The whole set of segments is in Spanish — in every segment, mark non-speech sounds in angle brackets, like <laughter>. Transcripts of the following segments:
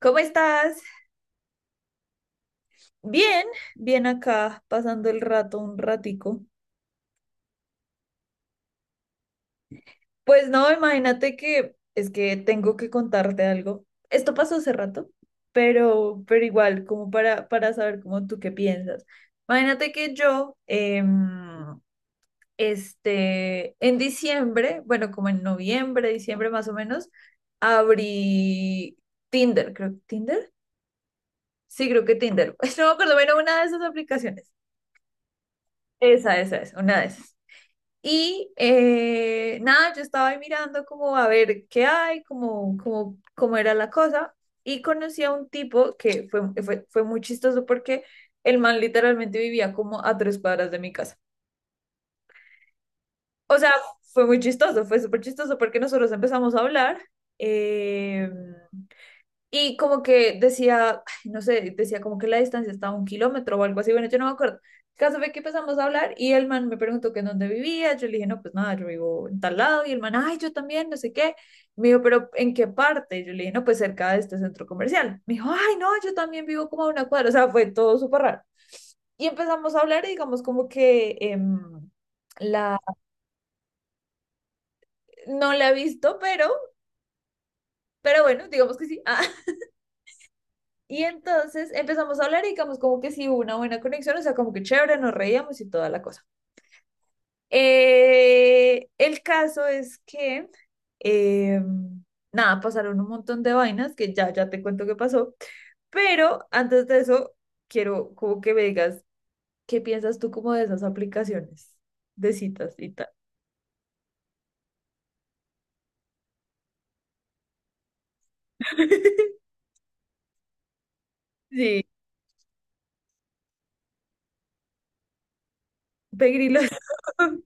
¿Cómo estás? Bien, bien acá, pasando el rato un ratico. Pues no, imagínate que es que tengo que contarte algo. Esto pasó hace rato, pero igual, como para saber cómo tú qué piensas. Imagínate que yo, este, en diciembre, bueno, como en noviembre, diciembre más o menos, abrí Tinder, creo, ¿Tinder? Sí, creo que Tinder. <laughs> No me acuerdo, bueno, una de esas aplicaciones. Esa es, una de esas. Y nada, yo estaba ahí mirando como a ver qué hay, cómo era la cosa. Y conocí a un tipo que fue muy chistoso porque el man literalmente vivía como a tres cuadras de mi casa. O sea, fue muy chistoso, fue súper chistoso porque nosotros empezamos a hablar. em, y como que decía, ay, no sé, decía como que la distancia estaba a un kilómetro o algo así. Bueno, yo no me acuerdo. El caso fue que empezamos a hablar y el man me preguntó que en dónde vivía. Yo le dije, no, pues nada, yo vivo en tal lado. Y el man, ay, yo también, no sé qué. Me dijo, pero ¿en qué parte? Yo le dije, no, pues cerca de este centro comercial. Me dijo, ay, no, yo también vivo como a una cuadra. O sea, fue todo súper raro. Y empezamos a hablar y digamos como que la, no la he visto, pero bueno, digamos que sí. <laughs> Ah, y entonces empezamos a hablar y digamos como que sí hubo una buena conexión, o sea, como que chévere, nos reíamos y toda la cosa. El caso es que, eh, nada, pasaron un montón de vainas que ya te cuento qué pasó, pero antes de eso, quiero como que me digas, ¿qué piensas tú como de esas aplicaciones de citas y tal? <laughs> Sí, pegrilos. <laughs>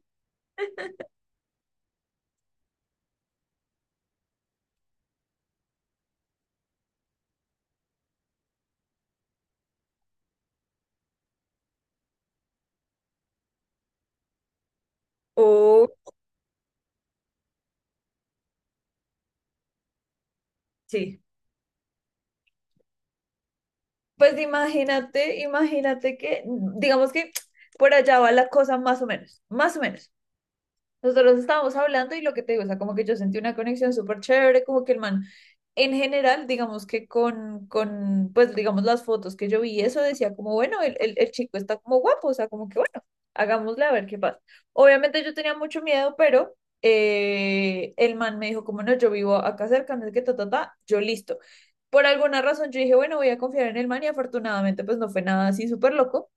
O, sí. Pues imagínate, imagínate que, digamos que por allá va la cosa más o menos, más o menos. Nosotros estábamos hablando y lo que te digo, o sea, como que yo sentí una conexión súper chévere, como que el man, en general, digamos que con, pues digamos las fotos que yo vi, eso decía como, bueno, el chico está como guapo, o sea, como que bueno, hagámosle a ver qué pasa. Obviamente yo tenía mucho miedo, pero el man me dijo como, no, yo vivo acá cerca, no es que ta, ta, ta, yo listo. Por alguna razón yo dije, bueno, voy a confiar en el man y afortunadamente pues no fue nada así súper loco.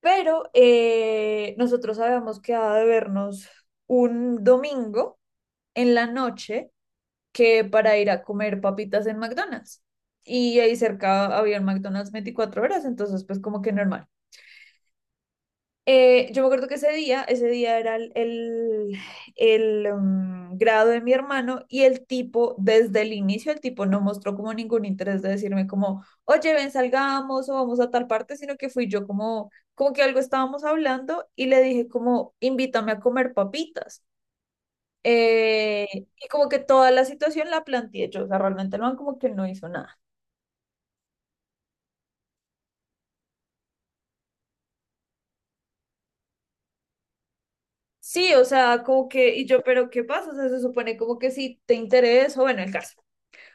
Pero nosotros habíamos quedado de vernos un domingo en la noche que para ir a comer papitas en McDonald's. Y ahí cerca había un McDonald's 24 horas, entonces pues como que normal. Yo me acuerdo que ese día era el grado de mi hermano y el tipo, desde el inicio, el tipo no mostró como ningún interés de decirme como, oye, ven, salgamos o vamos a tal parte, sino que fui yo como, como que algo estábamos hablando y le dije como, invítame a comer papitas. Y como que toda la situación la planteé yo, o sea, realmente el man como que no hizo nada. Sí, o sea, como que, y yo, pero ¿qué pasa? O sea, se supone como que si te interesa, bueno, el caso.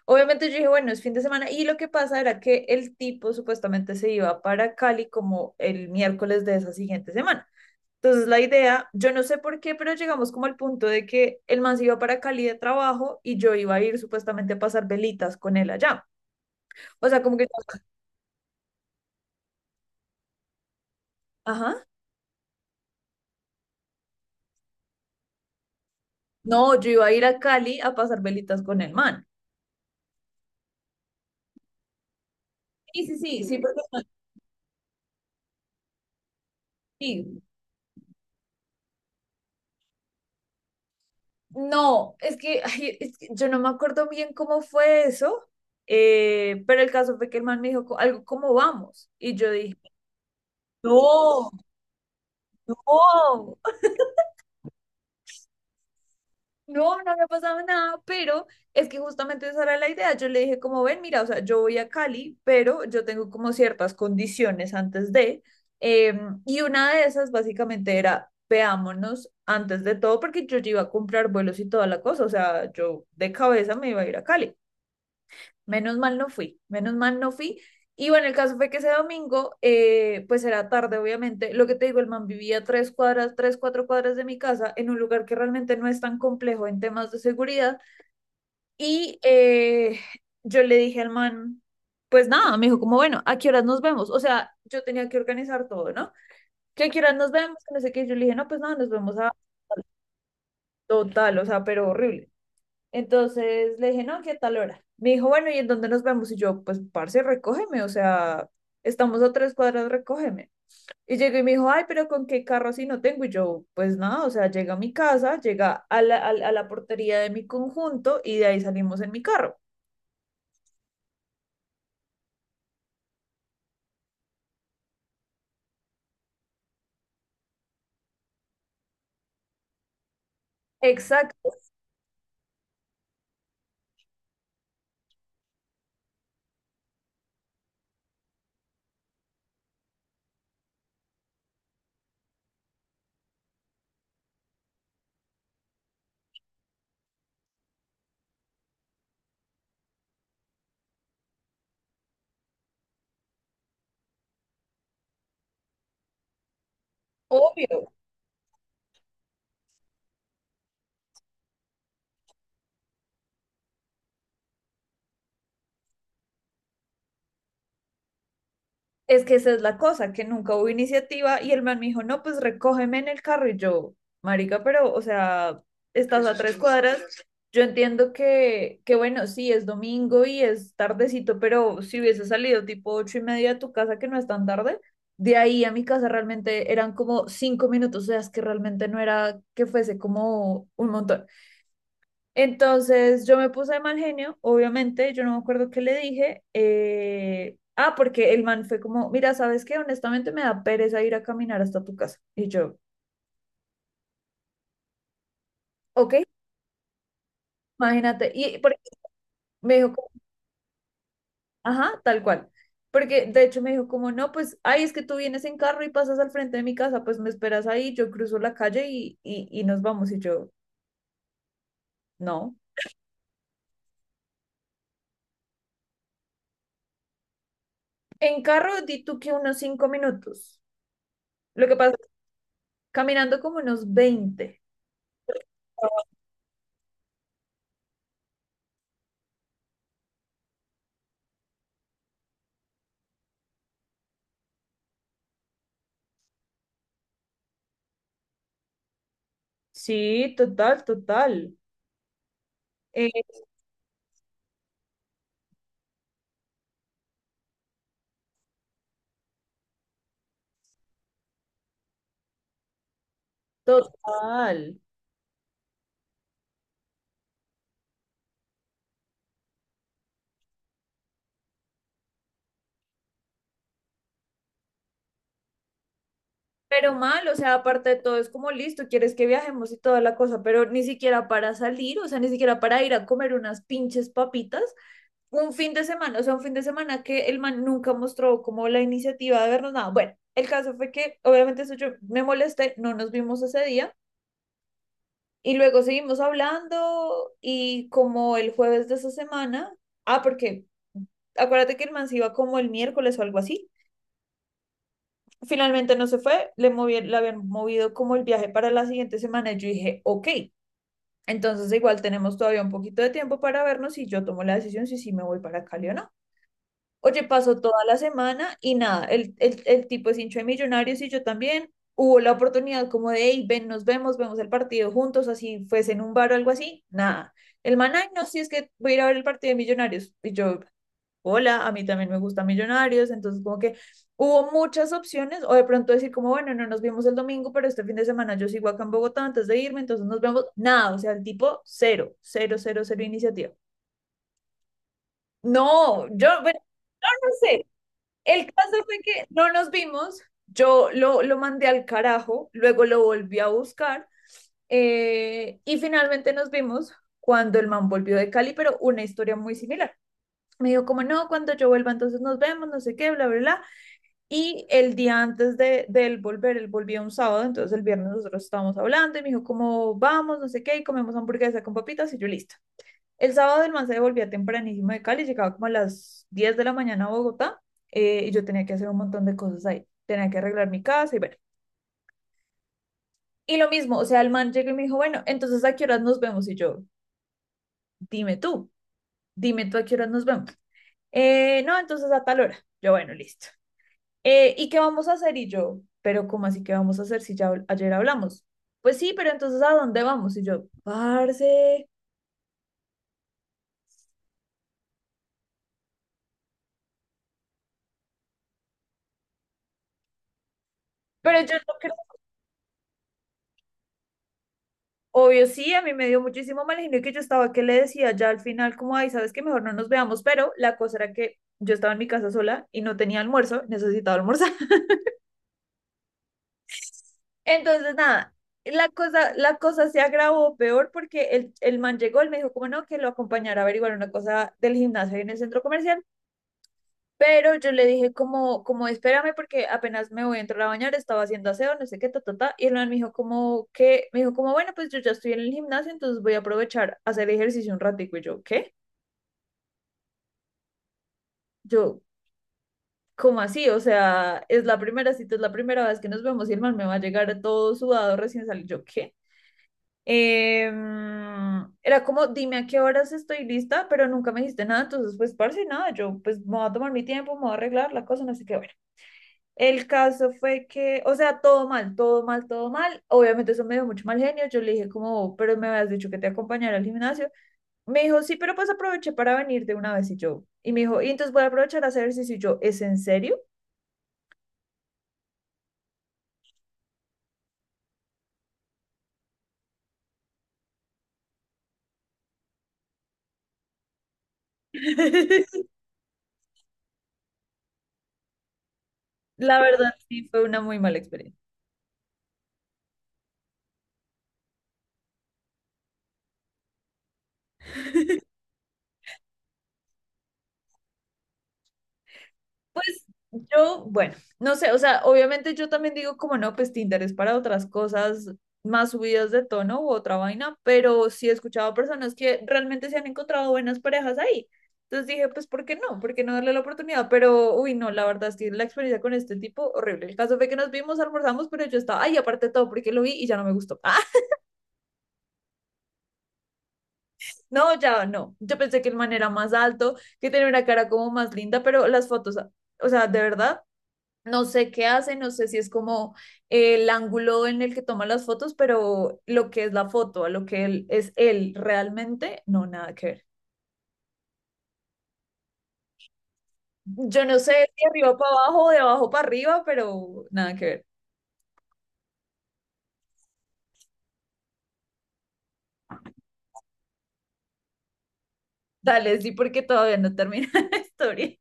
Obviamente yo dije, bueno, es fin de semana. Y lo que pasa era que el tipo supuestamente se iba para Cali como el miércoles de esa siguiente semana. Entonces la idea, yo no sé por qué, pero llegamos como al punto de que el man se iba para Cali de trabajo y yo iba a ir supuestamente a pasar velitas con él allá. O sea, como que, ajá, no, yo iba a ir a Cali a pasar velitas con el man. Sí, sí, sí, sí, porque sí, no, es que, ay, es que yo no me acuerdo bien cómo fue eso, pero el caso fue que el man me dijo algo, ¿cómo vamos? Y yo dije, no, no, no, no me ha pasado nada, pero es que justamente esa era la idea. Yo le dije, como ven, mira, o sea, yo voy a Cali, pero yo tengo como ciertas condiciones antes de, eh, y una de esas básicamente era, veámonos antes de todo, porque yo ya iba a comprar vuelos y toda la cosa, o sea, yo de cabeza me iba a ir a Cali. Menos mal no fui, menos mal no fui. Y bueno, el caso fue que ese domingo, pues era tarde, obviamente. Lo que te digo, el man vivía tres cuadras, tres, cuatro cuadras de mi casa, en un lugar que realmente no es tan complejo en temas de seguridad. Y yo le dije al man, pues nada, me dijo como, bueno, ¿a qué horas nos vemos? O sea, yo tenía que organizar todo, ¿no? ¿Que ¿a qué horas nos vemos? No sé qué. Yo le dije, no, pues nada, nos vemos a total, o sea, pero horrible. Entonces le dije, no, ¿qué tal hora? Me dijo, bueno, ¿y en dónde nos vemos? Y yo, pues, parce, recógeme, o sea, estamos a tres cuadras, recógeme. Y llegó y me dijo, ay, pero ¿con qué carro así no tengo? Y yo, pues nada, o sea, llega a mi casa, llega a la, a la portería de mi conjunto y de ahí salimos en mi carro. Exacto, obvio. Es que esa es la cosa, que nunca hubo iniciativa y el man me dijo, no, pues recógeme en el carro y yo, marica, pero, o sea, estás a tres cuadras, yo entiendo que, bueno, sí, es domingo y es tardecito, pero si hubiese salido tipo 8:30 de tu casa, que no es tan tarde, de ahí a mi casa realmente eran como 5 minutos, o sea, es que realmente no era que fuese como un montón. Entonces yo me puse de mal genio, obviamente, yo no me acuerdo qué le dije. Ah, porque el man fue como, mira, ¿sabes qué? Honestamente me da pereza ir a caminar hasta tu casa. Y yo, ok, imagínate. Y porque me dijo, como, ajá, tal cual. Porque de hecho me dijo como, no, pues, ay, es que tú vienes en carro y pasas al frente de mi casa, pues me esperas ahí, yo cruzo la calle y nos vamos. Y yo, no. En carro di tú que unos 5 minutos. Lo que pasa es que caminando como unos 20. Sí, total, total. Eh, Total. Pero mal, o sea, aparte de todo, es como listo, quieres que viajemos y toda la cosa, pero ni siquiera para salir, o sea, ni siquiera para ir a comer unas pinches papitas, un fin de semana, o sea, un fin de semana que el man nunca mostró como la iniciativa de vernos nada. Bueno, el caso fue que, obviamente, eso yo me molesté, no nos vimos ese día, y luego seguimos hablando, y como el jueves de esa semana, ah, porque acuérdate que el man se iba como el miércoles o algo así. Finalmente no se fue, le habían movido como el viaje para la siguiente semana y yo dije, ok, entonces igual tenemos todavía un poquito de tiempo para vernos y yo tomo la decisión si sí me voy para Cali o no. Oye, pasó toda la semana y nada, el tipo es hincha de Millonarios y yo también. Hubo la oportunidad como de, hey, ven, nos vemos, vemos el partido juntos, así fuese en un bar o algo así. Nada. El man, "Ay, no, sí es que voy a ir a ver el partido de Millonarios. Y yo, hola, a mí también me gusta Millonarios, entonces como que hubo muchas opciones, o de pronto decir como, bueno, no nos vimos el domingo, pero este fin de semana yo sigo acá en Bogotá antes de irme, entonces nos vemos, nada, o sea, el tipo cero, cero, cero, cero iniciativa. No, yo, bueno, no sé, el caso fue que no nos vimos, yo lo mandé al carajo, luego lo volví a buscar, y finalmente nos vimos cuando el man volvió de Cali, pero una historia muy similar. Me dijo como, no, cuando yo vuelva entonces nos vemos, no sé qué, bla, bla, bla. Y el día antes de él volver, él volvía un sábado, entonces el viernes nosotros estábamos hablando y me dijo como vamos, no sé qué, y comemos hamburguesa con papitas y yo listo. El sábado el man se devolvía tempranísimo de Cali, llegaba como a las 10 de la mañana a Bogotá, y yo tenía que hacer un montón de cosas ahí, tenía que arreglar mi casa y bueno. Y lo mismo, o sea, el man llegó y me dijo, bueno, entonces a qué horas nos vemos y yo, dime tú, dime tú a qué horas nos vemos. No, entonces a tal hora. Yo, bueno, listo. ¿Y qué vamos a hacer? Y yo, pero ¿cómo así que vamos a hacer si ya ayer hablamos? Pues sí, pero entonces ¿a dónde vamos? Y yo, parce. Pero yo no creo, obvio sí, a mí me dio muchísimo mal genio que yo estaba que le decía ya al final como, ay, sabes que mejor no nos veamos, pero la cosa era que yo estaba en mi casa sola y no tenía almuerzo, necesitaba almorzar. <laughs> Entonces nada, la cosa se agravó peor porque el man llegó, él me dijo como no, que lo acompañara a averiguar una cosa del gimnasio ahí en el centro comercial. Pero yo le dije como, espérame porque apenas me voy a entrar a bañar, estaba haciendo aseo, no sé qué, ta, ta, ta. Y el man me dijo como, bueno, pues yo ya estoy en el gimnasio, entonces voy a aprovechar a hacer ejercicio un ratico. Y yo, ¿qué? Yo, ¿cómo así? O sea, es la primera cita, es la primera vez que nos vemos y el man me va a llegar todo sudado recién salido. Yo, ¿qué? Era como, dime a qué horas estoy lista, pero nunca me dijiste nada, entonces pues parce, nada, yo pues me voy a tomar mi tiempo, me voy a arreglar la cosa, no sé qué. El caso fue que, o sea, todo mal, todo mal, todo mal. Obviamente eso me dio mucho mal genio. Yo le dije como, pero me habías dicho que te acompañara al gimnasio. Me dijo, sí, pero pues aproveché para venir de una vez y yo. Y me dijo, y entonces voy a aprovechar a hacer ejercicio. Y yo, ¿es en serio? <laughs> La verdad, sí, fue una muy mala experiencia. Pues yo, bueno, no sé, o sea, obviamente yo también digo como no, pues Tinder es para otras cosas más subidas de tono u otra vaina, pero sí he escuchado a personas que realmente se han encontrado buenas parejas ahí. Entonces dije, pues, ¿por qué no? ¿Por qué no darle la oportunidad? Pero, uy, no, la verdad es que la experiencia con este tipo, horrible. El caso fue que nos vimos, almorzamos, pero yo estaba, ay, aparte de todo, porque lo vi y ya no me gustó. <laughs> Ah, no, ya no. Yo pensé que el man era más alto, que tenía una cara como más linda, pero las fotos, o sea, de verdad. No sé qué hace, no sé si es como el ángulo en el que toma las fotos, pero lo que es la foto, a lo que él, es él realmente, no, nada que ver. Yo no sé si arriba para abajo o de abajo para arriba, pero nada que ver. Dale, sí, porque todavía no termina <laughs> la historia.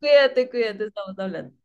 Cuídate, cuídate, estamos hablando.